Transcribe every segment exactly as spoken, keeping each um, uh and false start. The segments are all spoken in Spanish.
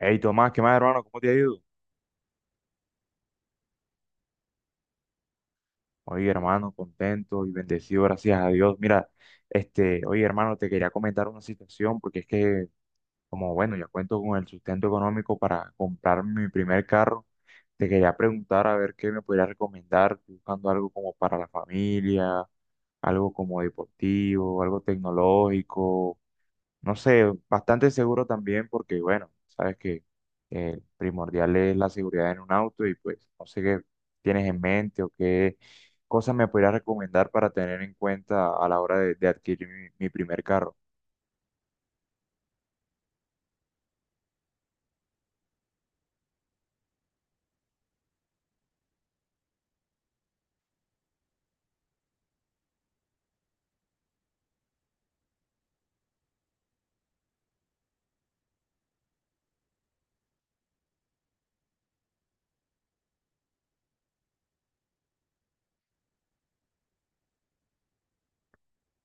Hey Tomás, ¿qué más, hermano? ¿Cómo te ha ido? Oye, hermano, contento y bendecido, gracias a Dios. Mira, este, oye, hermano, te quería comentar una situación porque es que, como bueno, ya cuento con el sustento económico para comprar mi primer carro. Te quería preguntar a ver qué me podrías recomendar. Estoy buscando algo como para la familia, algo como deportivo, algo tecnológico. No sé, bastante seguro también porque, bueno, sabes que eh, primordial es la seguridad en un auto, y pues no sé qué tienes en mente o qué cosas me podrías recomendar para tener en cuenta a la hora de, de adquirir mi, mi primer carro.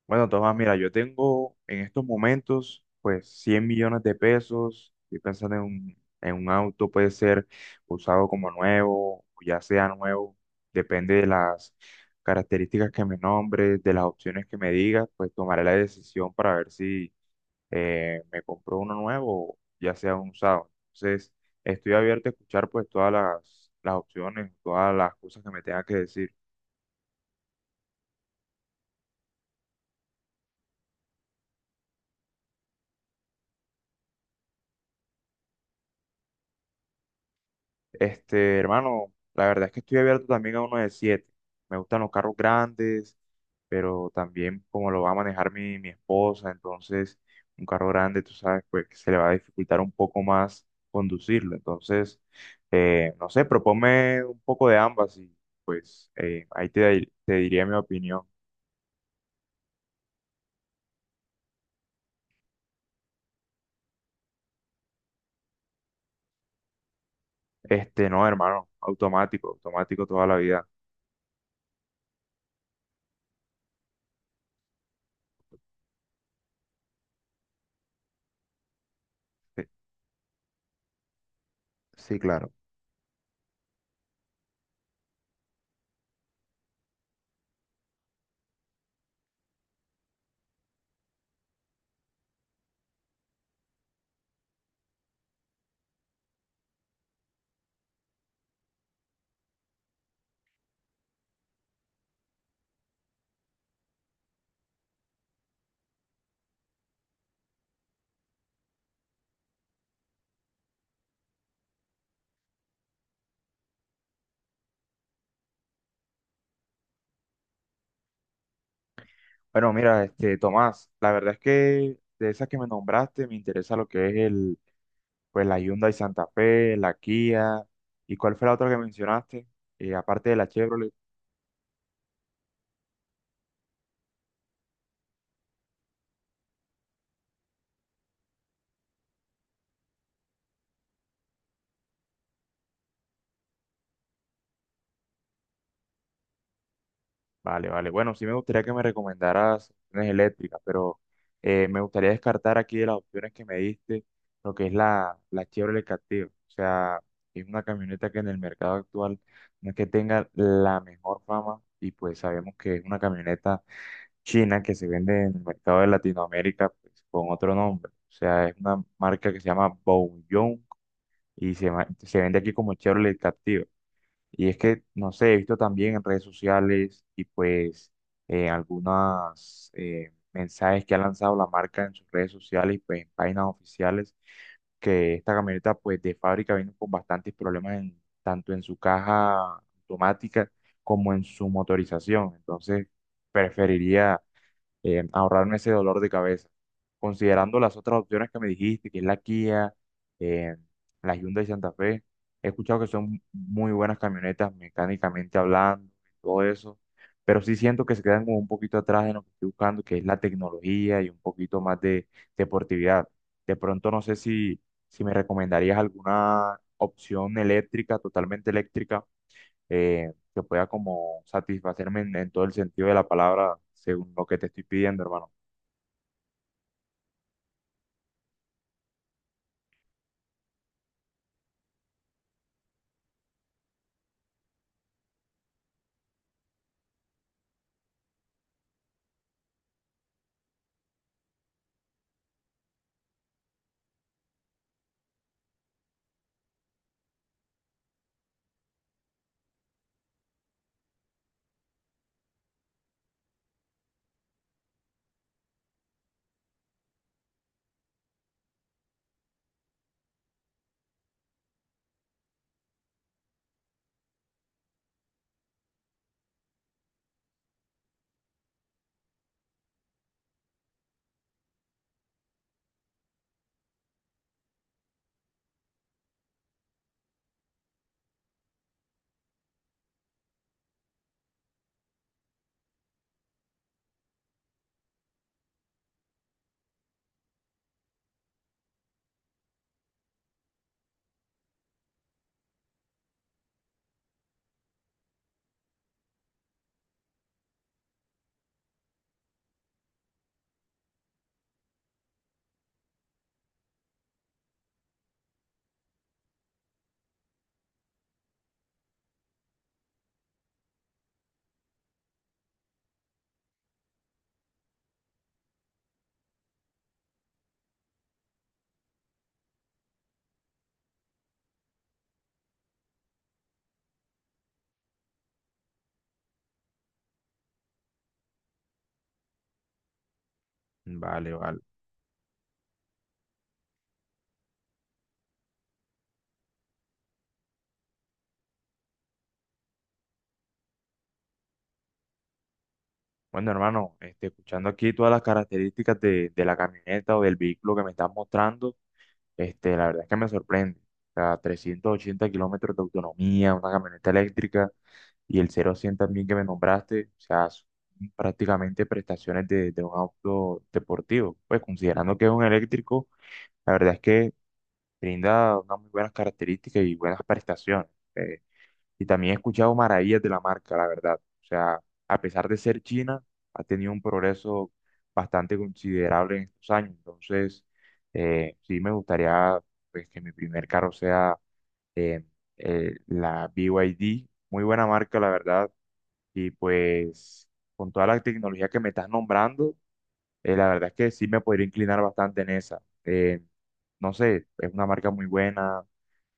Bueno, Tomás, mira, yo tengo en estos momentos pues cien millones de pesos. Estoy pensando en un, en un auto, puede ser usado como nuevo, o ya sea nuevo, depende de las características que me nombres, de las opciones que me digas. Pues tomaré la decisión para ver si eh, me compro uno nuevo o ya sea un usado. Entonces, estoy abierto a escuchar pues todas las, las opciones, todas las cosas que me tengas que decir. Este, hermano, la verdad es que estoy abierto también a uno de siete. Me gustan los carros grandes, pero también como lo va a manejar mi, mi esposa, entonces un carro grande, tú sabes, pues que se le va a dificultar un poco más conducirlo. Entonces, eh, no sé, proponme un poco de ambas y pues eh, ahí te, di- te diría mi opinión. Este, no, hermano, automático, automático toda la vida. Sí, sí, claro. Bueno, mira, este, Tomás, la verdad es que de esas que me nombraste, me interesa lo que es el, pues la Hyundai Santa Fe, la Kia, ¿y cuál fue la otra que mencionaste? Eh, aparte de la Chevrolet. Vale, vale. Bueno, sí me gustaría que me recomendaras opciones eléctricas, pero eh, me gustaría descartar aquí de las opciones que me diste, lo que es la, la Chevrolet Captiva. O sea, es una camioneta que en el mercado actual no es que tenga la mejor fama, y pues sabemos que es una camioneta China que se vende en el mercado de Latinoamérica, pues, con otro nombre. O sea, es una marca que se llama Bouyong y se, ma- se vende aquí como Chevrolet Captiva. Y es que, no sé, he visto también en redes sociales y pues eh, algunos mensajes que ha lanzado la marca en sus redes sociales y pues en páginas oficiales, que esta camioneta pues de fábrica vino con bastantes problemas en, tanto en su caja automática como en su motorización. Entonces preferiría eh, ahorrarme ese dolor de cabeza. Considerando las otras opciones que me dijiste, que es la Kia, eh, la Hyundai Santa Fe, he escuchado que son muy buenas camionetas mecánicamente hablando, todo eso, pero sí siento que se quedan como un poquito atrás en lo que estoy buscando, que es la tecnología y un poquito más de deportividad. De pronto no sé si, si me recomendarías alguna opción eléctrica, totalmente eléctrica, eh, que pueda como satisfacerme en, en todo el sentido de la palabra, según lo que te estoy pidiendo, hermano. Vale, vale. Bueno, hermano, este, escuchando aquí todas las características de, de la camioneta o del vehículo que me estás mostrando, este, la verdad es que me sorprende. O sea, trescientos ochenta kilómetros de autonomía, una camioneta eléctrica, y el cero a cien también que me nombraste, o sea, son prácticamente prestaciones de, de un auto deportivo. Pues considerando que es un eléctrico, la verdad es que brinda unas muy buenas características y buenas prestaciones. eh, y también he escuchado maravillas de la marca, la verdad. O sea, a pesar de ser China, ha tenido un progreso bastante considerable en estos años. Entonces, eh, sí me gustaría pues que mi primer carro sea eh, eh, la B Y D. Muy buena marca, la verdad. Y pues con toda la tecnología que me estás nombrando, eh, la verdad es que sí me podría inclinar bastante en esa. Eh, no sé, es una marca muy buena,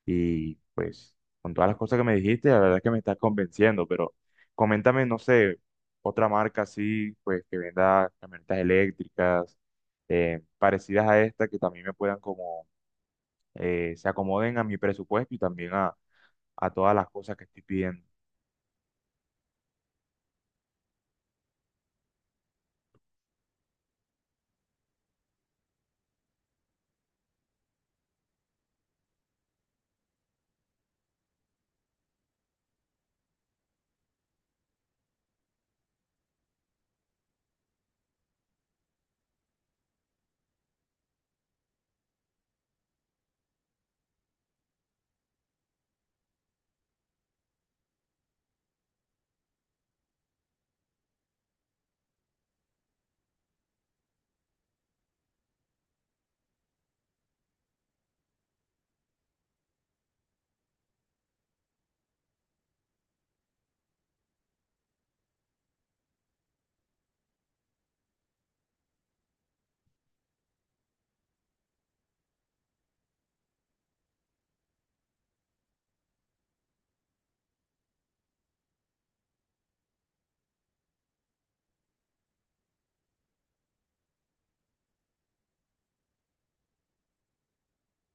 y pues con todas las cosas que me dijiste, la verdad es que me estás convenciendo, pero coméntame, no sé, otra marca así, pues que venda camionetas eléctricas, eh, parecidas a esta, que también me puedan como, eh, se acomoden a mi presupuesto y también a, a todas las cosas que estoy pidiendo.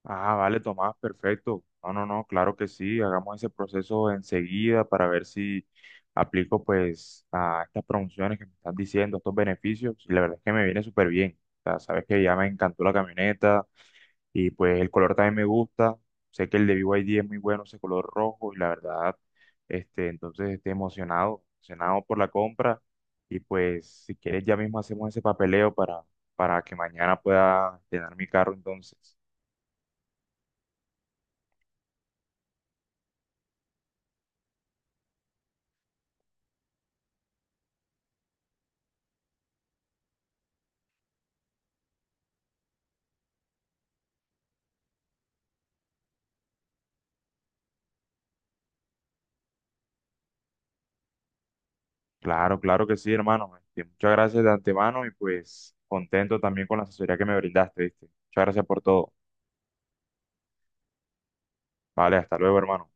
Ah, vale, Tomás, perfecto. No, no, no, claro que sí. Hagamos ese proceso enseguida para ver si aplico pues a estas promociones que me están diciendo, estos beneficios. Y la verdad es que me viene súper bien. O sea, sabes que ya me encantó la camioneta y pues el color también me gusta. Sé que el de B Y D es muy bueno, ese color rojo. Y la verdad, este, entonces estoy emocionado, emocionado por la compra. Y pues si quieres ya mismo hacemos ese papeleo para, para que mañana pueda tener mi carro entonces. Claro, claro que sí, hermano. Este, muchas gracias de antemano y pues contento también con la asesoría que me brindaste, ¿viste? Muchas gracias por todo. Vale, hasta luego, hermano.